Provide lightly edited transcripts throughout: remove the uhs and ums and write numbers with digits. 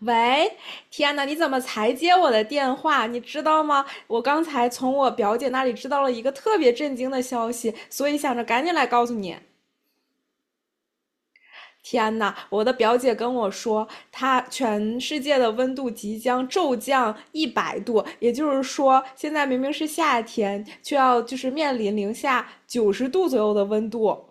喂，天呐，你怎么才接我的电话？你知道吗？我刚才从我表姐那里知道了一个特别震惊的消息，所以想着赶紧来告诉你。天呐，我的表姐跟我说，她全世界的温度即将骤降一百度，也就是说，现在明明是夏天，却要就是面临零下90度左右的温度。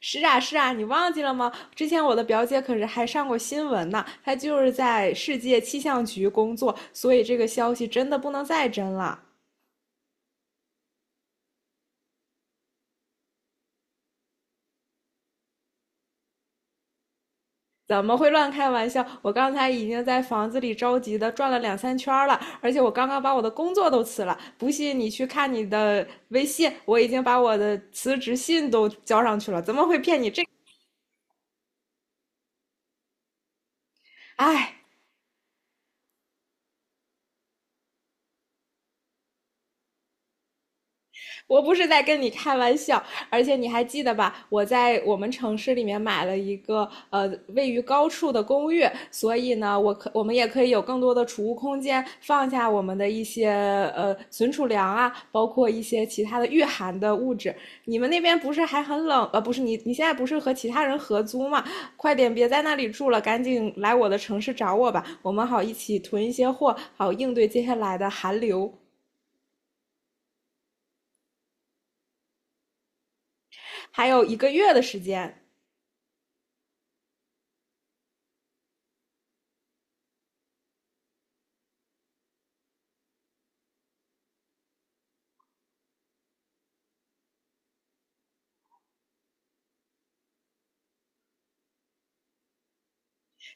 是啊，是啊，你忘记了吗？之前我的表姐可是还上过新闻呢，她就是在世界气象局工作，所以这个消息真的不能再真了。怎么会乱开玩笑？我刚才已经在房子里着急的转了两三圈了，而且我刚刚把我的工作都辞了。不信你去看你的微信，我已经把我的辞职信都交上去了。怎么会骗你这？哎，我不是在跟你开玩笑，而且你还记得吧？我在我们城市里面买了一个位于高处的公寓，所以呢，我们也可以有更多的储物空间，放下我们的一些存储粮啊，包括一些其他的御寒的物质。你们那边不是还很冷？不是你现在不是和其他人合租吗？快点别在那里住了，赶紧来我的城市找我吧，我们好一起囤一些货，好应对接下来的寒流。还有一个月的时间。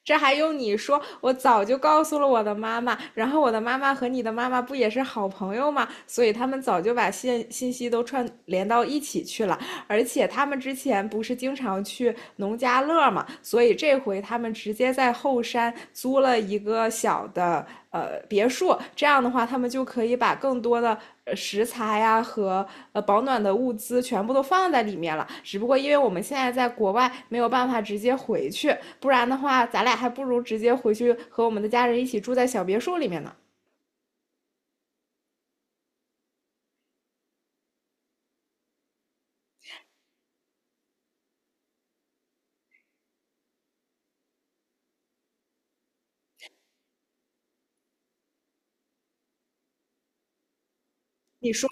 这还用你说？我早就告诉了我的妈妈，然后我的妈妈和你的妈妈不也是好朋友吗？所以他们早就把信息都串联到一起去了。而且他们之前不是经常去农家乐嘛，所以这回他们直接在后山租了一个小的别墅，这样的话，他们就可以把更多的食材呀、啊和保暖的物资全部都放在里面了。只不过因为我们现在在国外没有办法直接回去，不然的话，咱俩还不如直接回去和我们的家人一起住在小别墅里面呢。你说。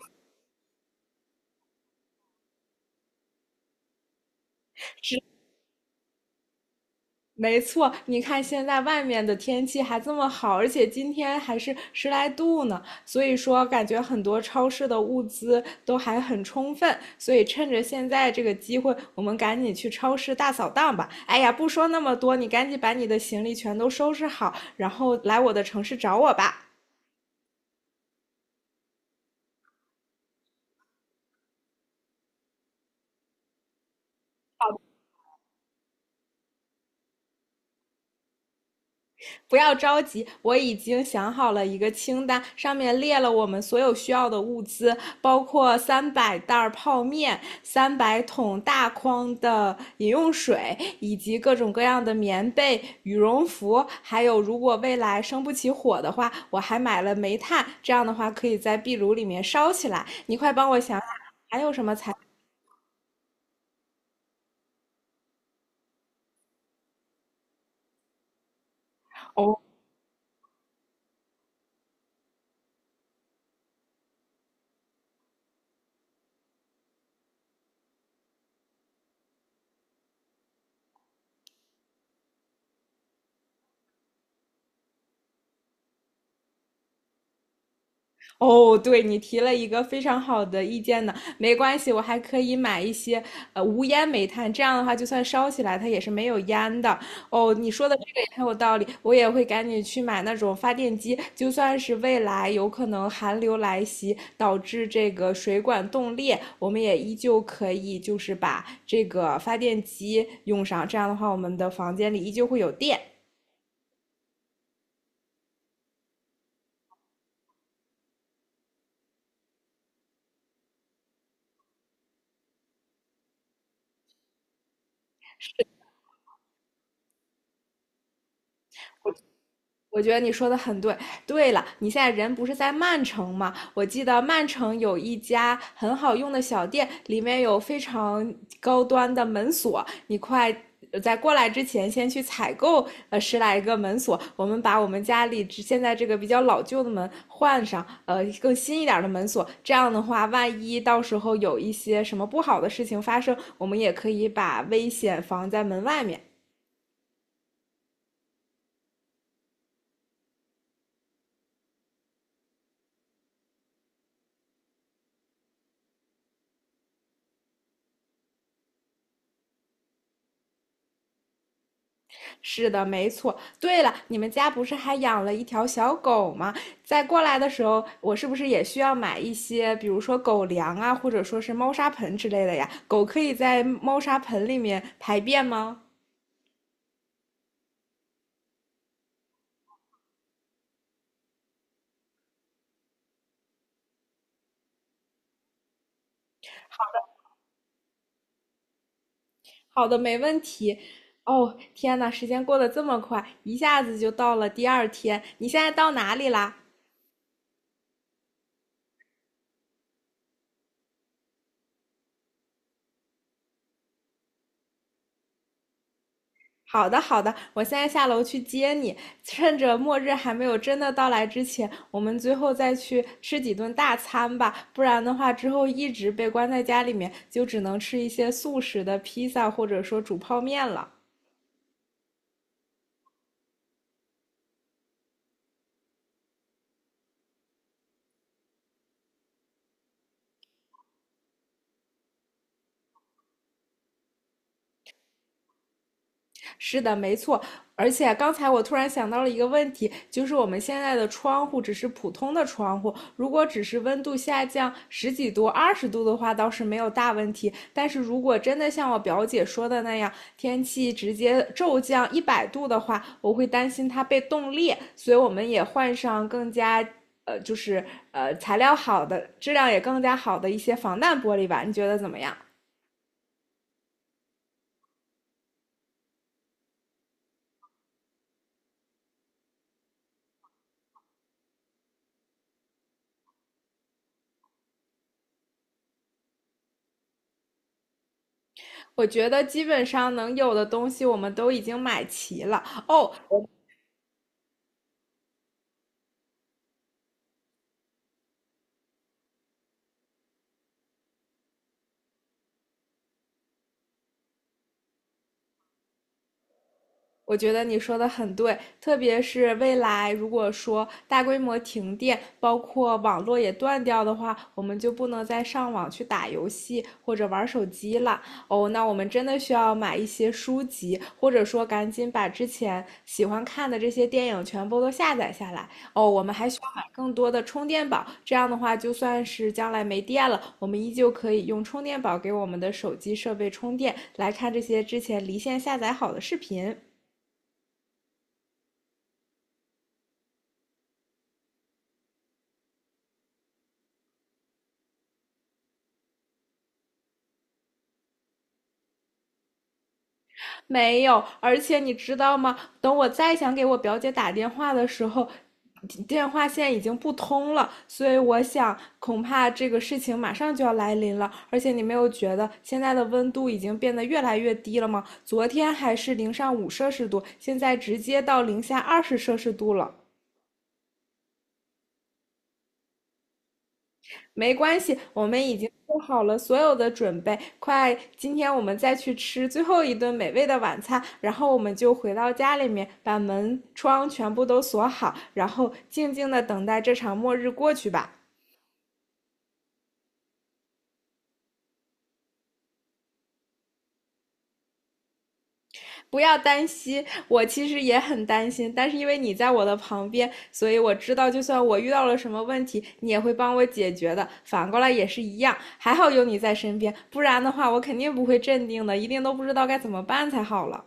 没错，你看现在外面的天气还这么好，而且今天还是10来度呢，所以说感觉很多超市的物资都还很充分，所以趁着现在这个机会，我们赶紧去超市大扫荡吧。哎呀，不说那么多，你赶紧把你的行李全都收拾好，然后来我的城市找我吧。不要着急，我已经想好了一个清单，上面列了我们所有需要的物资，包括300袋泡面、300桶大筐的饮用水，以及各种各样的棉被、羽绒服，还有如果未来生不起火的话，我还买了煤炭，这样的话可以在壁炉里面烧起来。你快帮我想想。哦，哦，对，你提了一个非常好的意见呢。没关系，我还可以买一些无烟煤炭，这样的话就算烧起来它也是没有烟的。哦，你说的这个也很有道理，我也会赶紧去买那种发电机，就算是未来有可能寒流来袭导致这个水管冻裂，我们也依旧可以就是把这个发电机用上，这样的话我们的房间里依旧会有电。我觉得你说的很对。对了，你现在人不是在曼城吗？我记得曼城有一家很好用的小店，里面有非常高端的门锁。你快在过来之前，先去采购10来个门锁。我们把我们家里现在这个比较老旧的门换上，更新一点的门锁。这样的话，万一到时候有一些什么不好的事情发生，我们也可以把危险防在门外面。是的，没错。对了，你们家不是还养了一条小狗吗？在过来的时候，我是不是也需要买一些，比如说狗粮啊，或者说是猫砂盆之类的呀？狗可以在猫砂盆里面排便吗？好的，没问题。哦，天呐，时间过得这么快，一下子就到了第二天。你现在到哪里啦？好的，好的，我现在下楼去接你。趁着末日还没有真的到来之前，我们最后再去吃几顿大餐吧，不然的话，之后一直被关在家里面，就只能吃一些速食的披萨或者说煮泡面了。是的，没错。而且刚才我突然想到了一个问题，就是我们现在的窗户只是普通的窗户，如果只是温度下降十几度、20度的话，倒是没有大问题。但是如果真的像我表姐说的那样，天气直接骤降一百度的话，我会担心它被冻裂，所以我们也换上更加就是材料好的、质量也更加好的一些防弹玻璃吧。你觉得怎么样？我觉得基本上能有的东西我们都已经买齐了哦。我觉得你说的很对，特别是未来如果说大规模停电，包括网络也断掉的话，我们就不能再上网去打游戏或者玩手机了。哦，那我们真的需要买一些书籍，或者说赶紧把之前喜欢看的这些电影全部都下载下来。哦，我们还需要买更多的充电宝，这样的话，就算是将来没电了，我们依旧可以用充电宝给我们的手机设备充电，来看这些之前离线下载好的视频。没有，而且你知道吗？等我再想给我表姐打电话的时候，电话线已经不通了，所以我想恐怕这个事情马上就要来临了。而且你没有觉得现在的温度已经变得越来越低了吗？昨天还是零上5摄氏度，现在直接到零下20摄氏度了。没关系，我们已经做好了所有的准备，快，今天我们再去吃最后一顿美味的晚餐，然后我们就回到家里面，把门窗全部都锁好，然后静静的等待这场末日过去吧。不要担心，我其实也很担心，但是因为你在我的旁边，所以我知道，就算我遇到了什么问题，你也会帮我解决的。反过来也是一样，还好有你在身边，不然的话，我肯定不会镇定的，一定都不知道该怎么办才好了。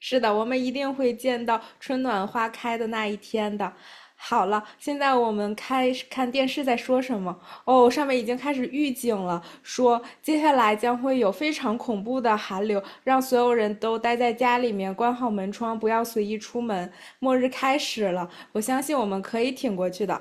是的，我们一定会见到春暖花开的那一天的。好了，现在我们开始看电视在说什么。哦，上面已经开始预警了，说接下来将会有非常恐怖的寒流，让所有人都待在家里面，关好门窗，不要随意出门。末日开始了，我相信我们可以挺过去的。